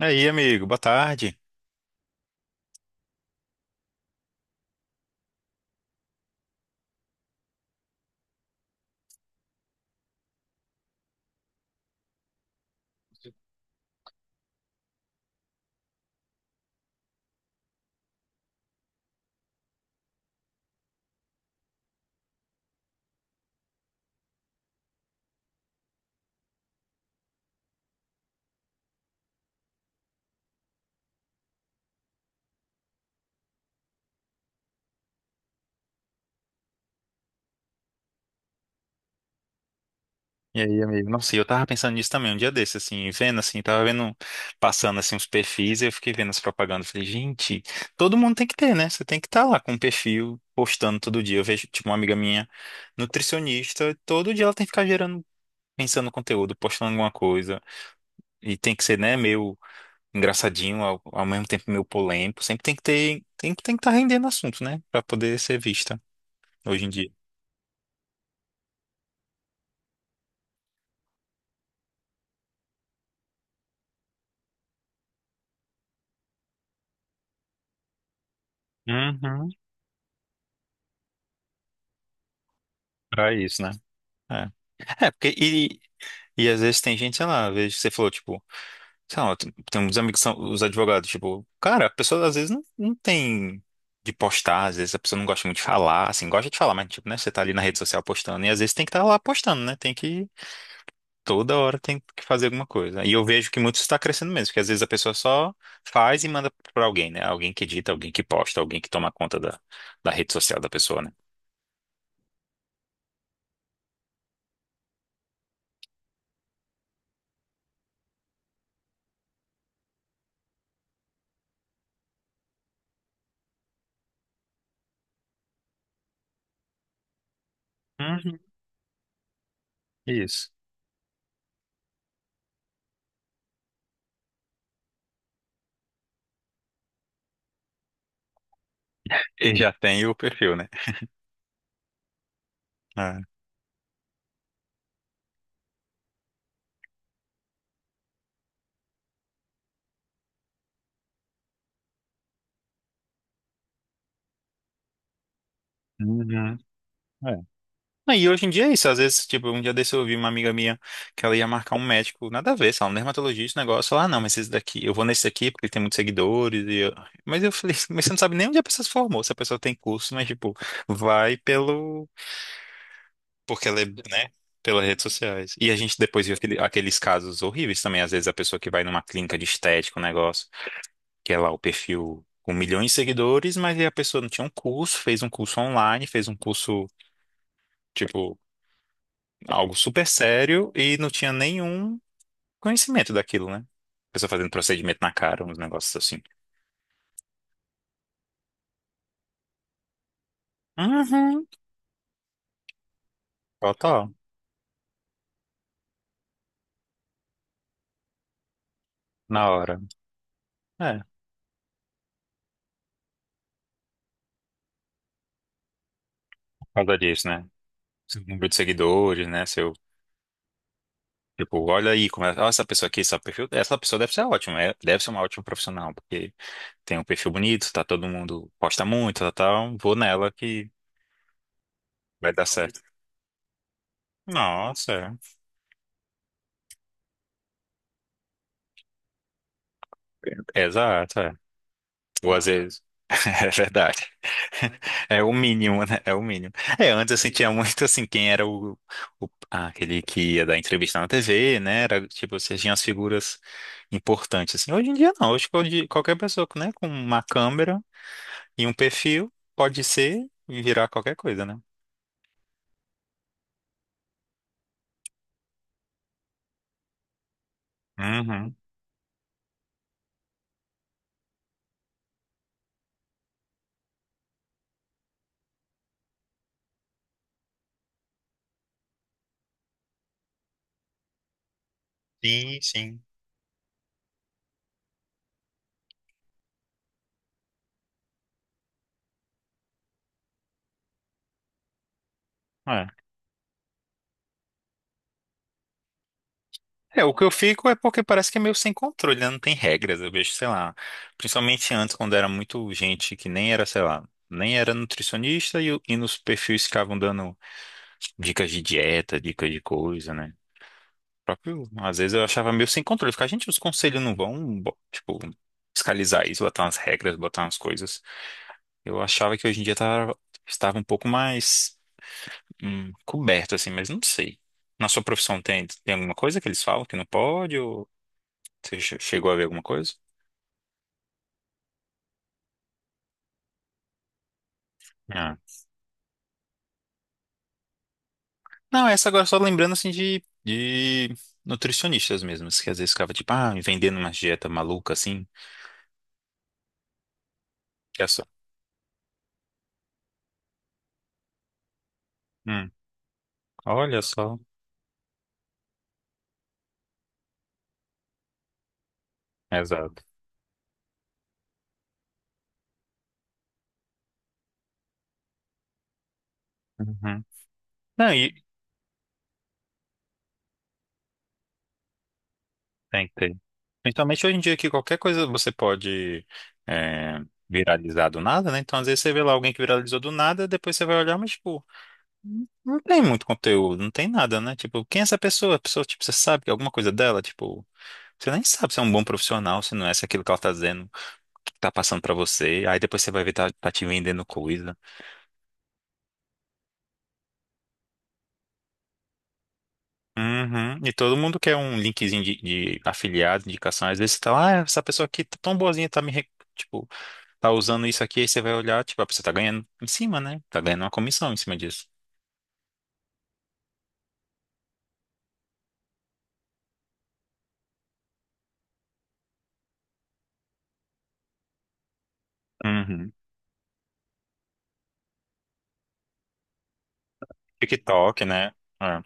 E aí, amigo, boa tarde. E aí, amigo? Nossa, e eu tava pensando nisso também um dia desse, assim, vendo assim, passando assim uns perfis e eu fiquei vendo as propagandas. Falei, gente, todo mundo tem que ter, né? Você tem que estar lá com um perfil, postando todo dia. Eu vejo, tipo, uma amiga minha, nutricionista, todo dia ela tem que ficar gerando, pensando conteúdo, postando alguma coisa. E tem que ser, né, meio engraçadinho, ao mesmo tempo meio polêmico. Sempre tem que ter, tem que estar rendendo assunto, né? Pra poder ser vista hoje em dia. Uhum. Pra isso, né? É, porque e às vezes tem gente, sei lá, às vezes você falou, tipo, sei lá, tem uns amigos que são os advogados, tipo, cara, a pessoa às vezes não tem de postar, às vezes a pessoa não gosta muito de falar, assim, gosta de falar, mas, tipo, né, você tá ali na rede social postando, e às vezes tem que estar lá postando, né, tem que, toda hora tem que fazer alguma coisa. E eu vejo que muito está crescendo mesmo, porque às vezes a pessoa só faz e manda pra alguém, né, alguém que edita, alguém que posta, alguém que toma conta da rede social da pessoa, né. Uhum. Isso. E já tem o perfil, né? Ah. Uhum. Ah, e hoje em dia é isso. Às vezes, tipo, um dia desse eu vi uma amiga minha que ela ia marcar um médico, nada a ver, sei lá, um dermatologista, um negócio. Ela, ah, não, mas esse daqui, eu vou nesse daqui porque ele tem muitos seguidores. E eu... Mas eu falei, mas você não sabe nem onde a pessoa se formou, se a pessoa tem curso, mas, tipo, vai pelo. Porque ela é, né? Pelas redes sociais. E a gente depois viu aqueles casos horríveis também. Às vezes a pessoa que vai numa clínica de estética, um negócio, que é lá o perfil com milhões de seguidores, mas aí a pessoa não tinha um curso, fez um curso online, fez um curso. Tipo algo super sério e não tinha nenhum conhecimento daquilo, né? Pessoa fazendo procedimento na cara, uns negócios assim. Uhum. Total, na hora. É, por causa disso, né? Seu número de seguidores, né? Seu, tipo, olha aí como é, ó, essa pessoa aqui, esse perfil, essa pessoa deve ser ótima, deve ser uma ótima profissional, porque tem um perfil bonito, tá todo mundo posta muito, tal, tal, vou nela que vai dar certo. Nossa, é. Exato, é. Ou às vezes. É verdade. É o mínimo, né? É o mínimo. É, antes eu sentia muito assim, quem era o, ah, aquele que ia dar entrevista na TV, né? Era tipo, você tinha as figuras importantes, assim. Hoje em dia não, hoje qualquer pessoa, né, com uma câmera e um perfil pode ser e virar qualquer coisa, né? Uhum. Sim, sim. É, o que eu fico é porque parece que é meio sem controle, né? Não tem regras. Eu vejo, sei lá, principalmente antes, quando era muito gente que nem era, sei lá, nem era nutricionista e, e nos perfis ficavam dando dicas de dieta, dicas de coisa, né? Próprio, às vezes eu achava meio sem controle. Ficar, gente, os conselhos não vão, tipo, fiscalizar isso, botar umas regras, botar umas coisas. Eu achava que hoje em dia tava, estava um pouco mais coberto, assim, mas não sei. Na sua profissão tem alguma coisa que eles falam que não pode. Chegou a ver alguma coisa? Ah. Não, essa agora só lembrando assim de nutricionistas mesmo, que às vezes ficava tipo, ah, vendendo uma dieta maluca assim. Que é só. Hum, olha só. Exato. Uhum. Não, e tem que ter. Principalmente hoje em dia que qualquer coisa você pode, é, viralizar do nada, né? Então às vezes você vê lá alguém que viralizou do nada, depois você vai olhar, mas tipo, não tem muito conteúdo, não tem nada, né? Tipo, quem é essa pessoa? A pessoa, tipo, você sabe alguma coisa dela, tipo. Você nem sabe se é um bom profissional, se não é, se é aquilo que ela tá dizendo, que tá passando pra você. Aí depois você vai ver tá, tá te vendendo coisa. Uhum. E todo mundo quer um linkzinho de afiliado, indicação. Às vezes você tá lá, ah, essa pessoa aqui tá tão boazinha, tipo, tá usando isso aqui, aí você vai olhar, tipo, a pessoa tá ganhando em cima, né? Tá ganhando uma comissão em cima disso. Uhum. TikTok, né? É.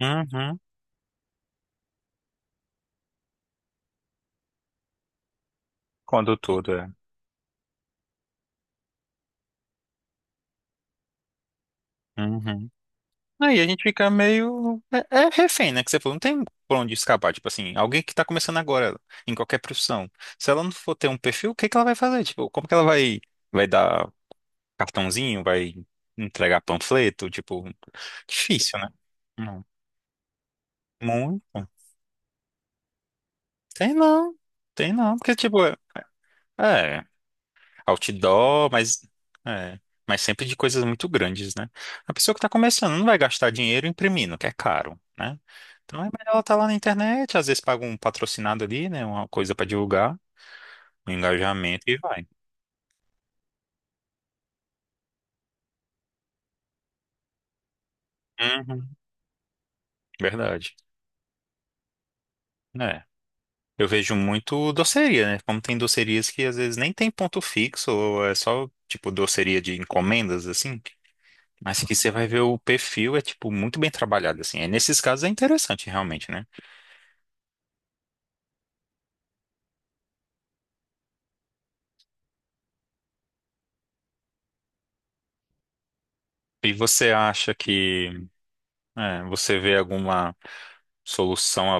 Uhum. Quando tudo é. Uhum. Aí a gente fica meio. É, é refém, né? Que você falou, não tem por onde escapar. Tipo assim, alguém que tá começando agora, em qualquer profissão. Se ela não for ter um perfil, o que que ela vai fazer? Tipo, como que ela vai, vai dar cartãozinho? Vai entregar panfleto? Tipo, difícil, né? Não. Muito. Tem não. Tem não. Porque, tipo, é. Outdoor, mas é, mas sempre de coisas muito grandes, né? A pessoa que está começando não vai gastar dinheiro imprimindo, que é caro, né? Então é melhor ela estar lá na internet, às vezes paga um patrocinado ali, né? Uma coisa para divulgar, um engajamento e vai. Uhum, verdade. É. Eu vejo muito doceria, né? Como tem docerias que às vezes nem tem ponto fixo, ou é só tipo doceria de encomendas, assim. Mas que você vai ver o perfil é tipo muito bem trabalhado, assim. Aí, nesses casos é interessante realmente, né? E você acha que é, você vê alguma solução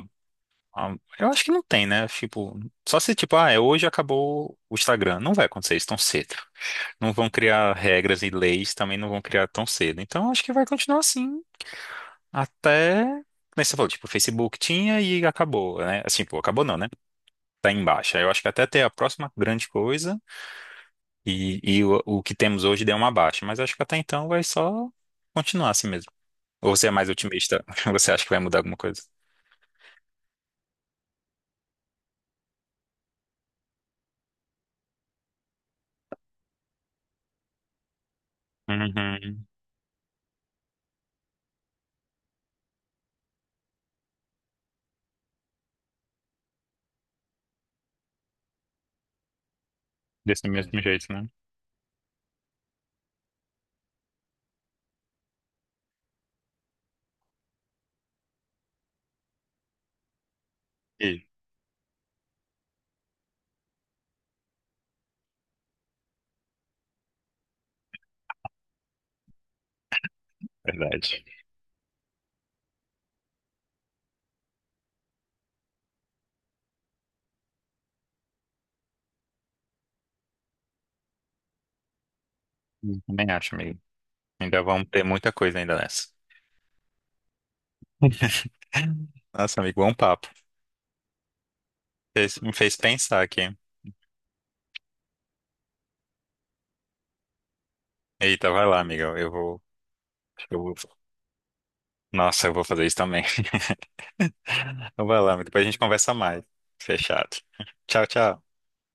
eu acho que não tem, né? Tipo, só se tipo, ah, é hoje acabou o Instagram. Não vai acontecer isso tão cedo. Não vão criar regras e leis, também não vão criar tão cedo. Então acho que vai continuar assim até. Como você falou, tipo, o Facebook tinha e acabou, né? Assim, pô, acabou não, né? Tá em baixa. Eu acho que até ter a próxima grande coisa e o que temos hoje deu uma baixa. Mas acho que até então vai só continuar assim mesmo. Ou você é mais otimista? Você acha que vai mudar alguma coisa? Uhum. Desse mesmo jeito, né? Ih, verdade. Também acho, amigo. Ainda vamos ter muita coisa ainda nessa. Nossa, amigo, bom papo. Me fez pensar aqui. Eita, vai lá, amiga. Eu vou. acho que eu vou- Nossa, eu vou fazer isso também. Então vai lá, amigo. Depois a gente conversa mais. Fechado. Tchau, tchau.